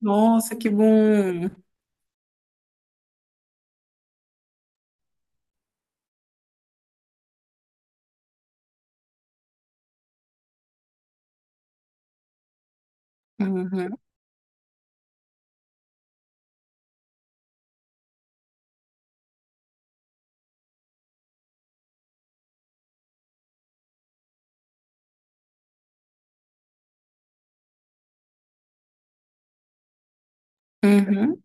Nossa, que bom. Uhum, uhum.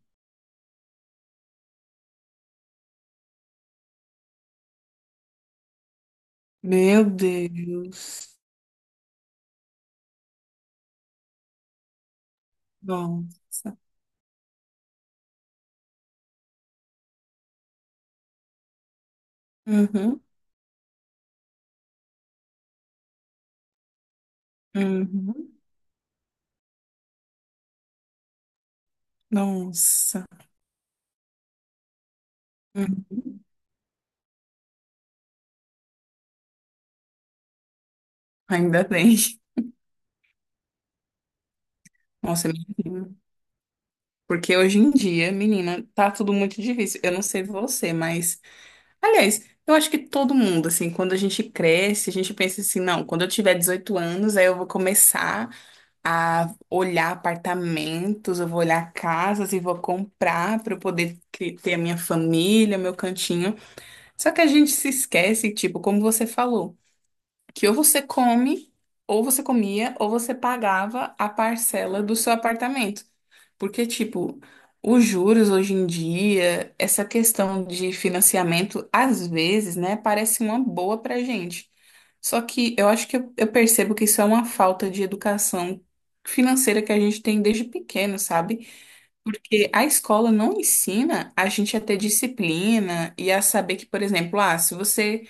Meu Deus. Nossa. Uhum, uhum. Nossa. Uhum. Ainda bem. Nossa, menina. Porque hoje em dia, menina, tá tudo muito difícil. Eu não sei você, mas. Aliás, eu acho que todo mundo, assim, quando a gente cresce, a gente pensa assim, não, quando eu tiver 18 anos, aí eu vou começar a olhar apartamentos, eu vou olhar casas e vou comprar para eu poder ter a minha família, meu cantinho. Só que a gente se esquece, tipo, como você falou que ou você come, ou você comia, ou você pagava a parcela do seu apartamento. Porque, tipo, os juros hoje em dia, essa questão de financiamento, às vezes, né, parece uma boa pra gente. Só que eu acho que eu percebo que isso é uma falta de educação financeira que a gente tem desde pequeno, sabe? Porque a escola não ensina a gente a ter disciplina e a saber que, por exemplo, ah, se você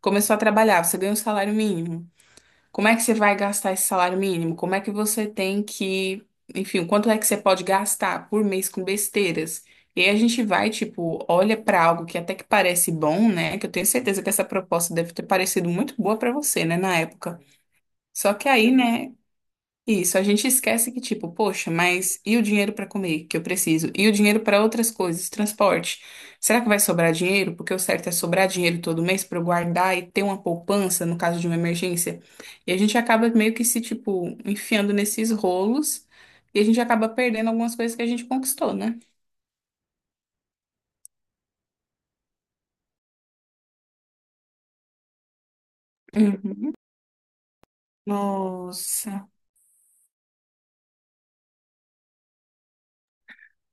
começou a trabalhar, você ganha um salário mínimo. Como é que você vai gastar esse salário mínimo? Como é que você tem que, enfim, quanto é que você pode gastar por mês com besteiras? E aí a gente vai, tipo, olha para algo que até que parece bom, né? Que eu tenho certeza que essa proposta deve ter parecido muito boa para você, né, na época. Só que aí, né? Isso, a gente esquece que, tipo, poxa, mas e o dinheiro para comer que eu preciso? E o dinheiro para outras coisas, transporte? Será que vai sobrar dinheiro? Porque o certo é sobrar dinheiro todo mês para eu guardar e ter uma poupança no caso de uma emergência. E a gente acaba meio que se, tipo, enfiando nesses rolos e a gente acaba perdendo algumas coisas que a gente conquistou, né? Uhum. Nossa.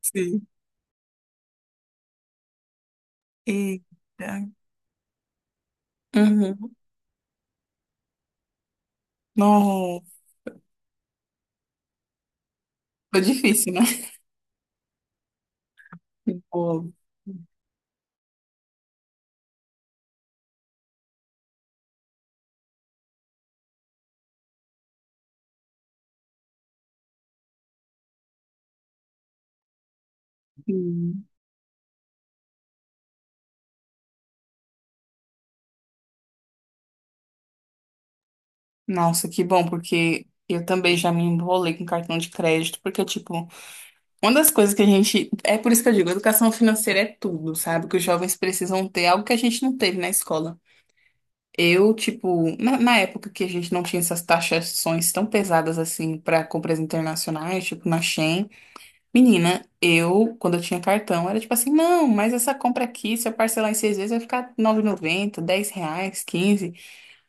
Sim. Eita. Uhum. Nossa. Foi difícil, né? Óbvio. Nossa, que bom, porque eu também já me enrolei com cartão de crédito, porque, tipo, uma das coisas que a gente. É por isso que eu digo, educação financeira é tudo, sabe? Que os jovens precisam ter algo que a gente não teve na escola. Eu, tipo, na época que a gente não tinha essas taxações tão pesadas assim para compras internacionais, tipo na Shein, menina, eu, quando eu tinha cartão, era tipo assim, não, mas essa compra aqui, se eu parcelar em seis vezes, vai ficar nove 9,90, R$ 10 reais, quinze.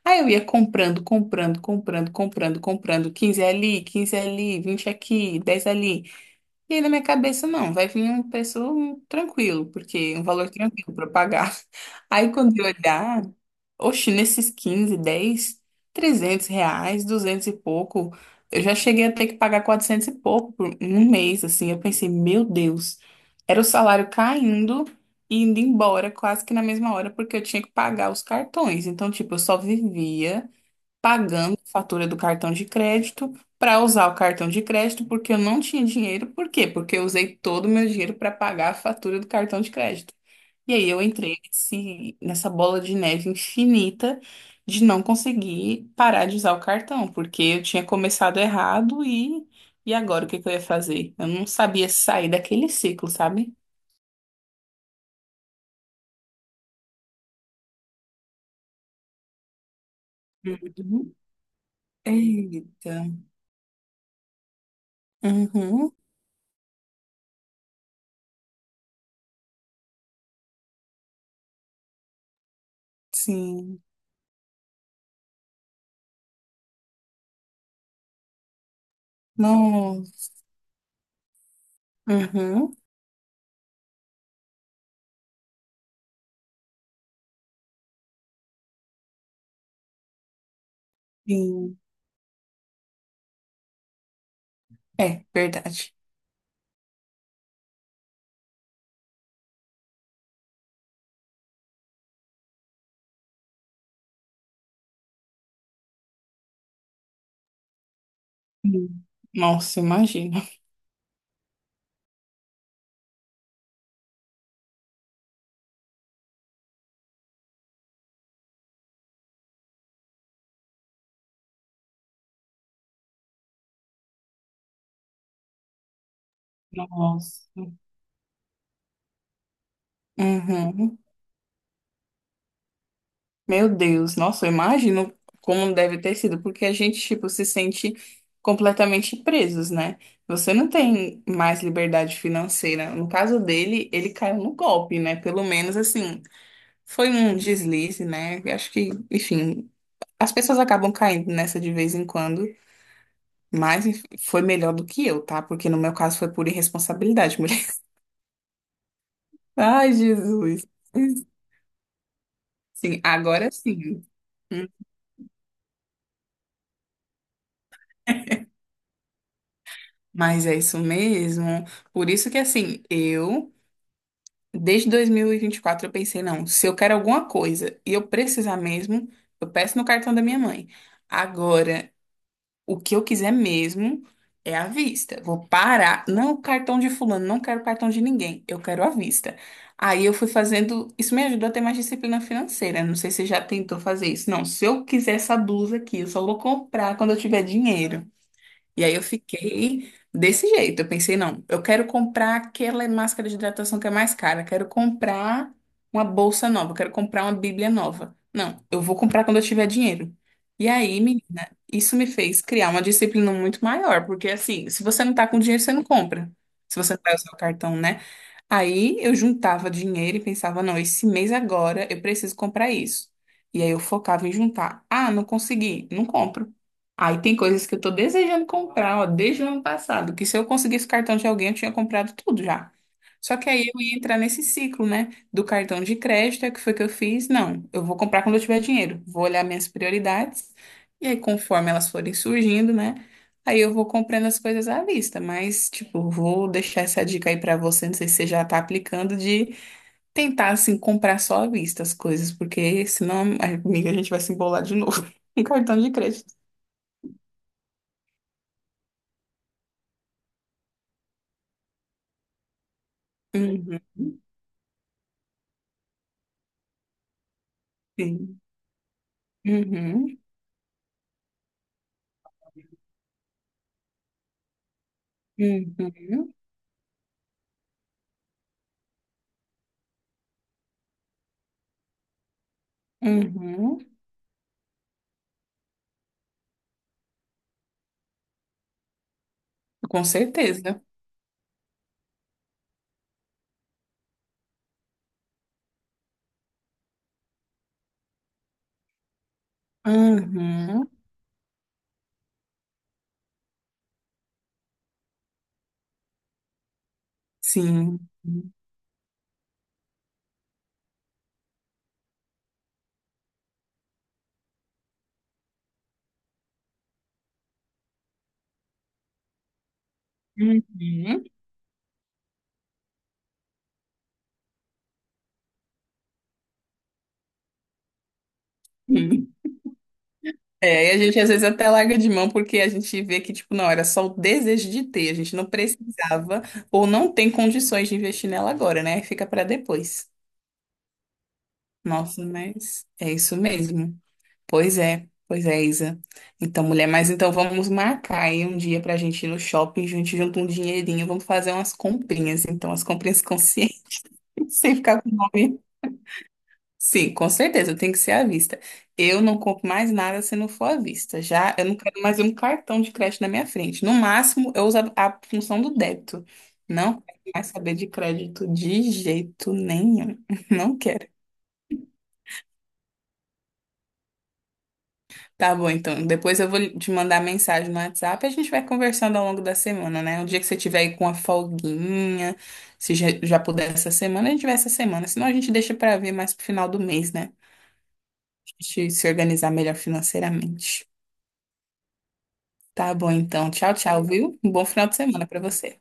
Aí eu ia comprando, comprando, comprando, comprando, comprando, 15 ali, 20 aqui, 10 ali. E aí, na minha cabeça, não, vai vir um preço tranquilo, porque um valor tranquilo para pagar. Aí, quando eu olhar, oxe, nesses 15 10 R$ 300, 200 e pouco, eu já cheguei a ter que pagar 400 e pouco por um mês, assim. Eu pensei, meu Deus, era o salário caindo e indo embora quase que na mesma hora, porque eu tinha que pagar os cartões. Então, tipo, eu só vivia pagando a fatura do cartão de crédito para usar o cartão de crédito porque eu não tinha dinheiro. Por quê? Porque eu usei todo o meu dinheiro para pagar a fatura do cartão de crédito. E aí eu entrei nessa bola de neve infinita de não conseguir parar de usar o cartão, porque eu tinha começado errado e agora o que que eu ia fazer? Eu não sabia sair daquele ciclo, sabe? Uhum. Eita. Uhum. Sim. Não. Uhum. Sim. É, verdade. Hum. Nossa, imagina. Nossa. Uhum. Meu Deus, nossa, eu imagino como deve ter sido, porque a gente, tipo, se sente completamente presos, né? Você não tem mais liberdade financeira. No caso dele, ele caiu no golpe, né? Pelo menos, assim, foi um deslize, né? Eu acho que, enfim, as pessoas acabam caindo nessa de vez em quando, mas enfim, foi melhor do que eu, tá? Porque no meu caso foi por irresponsabilidade. Ai, Jesus. Sim, agora sim. Hum, mas é isso mesmo. Por isso que, assim, eu, desde dois mil e vinte e quatro eu pensei, não, se eu quero alguma coisa e eu precisar mesmo, eu peço no cartão da minha mãe. Agora, o que eu quiser mesmo é à vista. Vou parar. Não o cartão de fulano, não quero cartão de ninguém. Eu quero à vista. Aí eu fui fazendo. Isso me ajudou a ter mais disciplina financeira. Não sei se você já tentou fazer isso. Não, se eu quiser essa blusa aqui, eu só vou comprar quando eu tiver dinheiro. E aí eu fiquei desse jeito. Eu pensei, não, eu quero comprar aquela máscara de hidratação que é mais cara, quero comprar uma bolsa nova, quero comprar uma Bíblia nova. Não, eu vou comprar quando eu tiver dinheiro. E aí, menina, isso me fez criar uma disciplina muito maior, porque assim, se você não tá com dinheiro, você não compra. Se você não vai usar o cartão, né? Aí eu juntava dinheiro e pensava, não, esse mês agora eu preciso comprar isso. E aí eu focava em juntar. Ah, não consegui, não compro. Aí tem coisas que eu tô desejando comprar, ó, desde o ano passado, que se eu conseguisse o cartão de alguém, eu tinha comprado tudo já. Só que aí eu ia entrar nesse ciclo, né? Do cartão de crédito, é o que foi que eu fiz? Não, eu vou comprar quando eu tiver dinheiro. Vou olhar minhas prioridades. E aí, conforme elas forem surgindo, né? Aí eu vou comprando as coisas à vista, mas, tipo, vou deixar essa dica aí pra você, não sei se você já tá aplicando, de tentar, assim, comprar só à vista as coisas, porque senão, amiga, a gente vai se embolar de novo. em cartão de crédito. Uhum, sim. Uhum, uhum, uhum. Com certeza. Uhum, sim. Uhum. Uhum. É, e a gente às vezes até larga de mão porque a gente vê que, tipo, não, era só o desejo de ter, a gente não precisava ou não tem condições de investir nela agora, né? Fica pra depois. Nossa, mas é isso mesmo. Pois é, Isa. Então, mulher, mas então vamos marcar aí um dia pra gente ir no shopping, a gente junta um dinheirinho, vamos fazer umas comprinhas, então, as comprinhas conscientes, sem ficar com nome. Sim, com certeza, tem que ser à vista. Eu não compro mais nada se não for à vista. Já eu não quero mais um cartão de crédito na minha frente. No máximo, eu uso a função do débito. Não quero mais saber de crédito de jeito nenhum. Não quero. Tá bom, então. Depois eu vou te mandar mensagem no WhatsApp e a gente vai conversando ao longo da semana, né? O dia que você tiver aí com a folguinha, se já, já puder essa semana, a gente vai essa semana. Senão a gente deixa pra ver mais pro final do mês, né? A gente se organizar melhor financeiramente. Tá bom, então. Tchau, tchau, viu? Um bom final de semana pra você.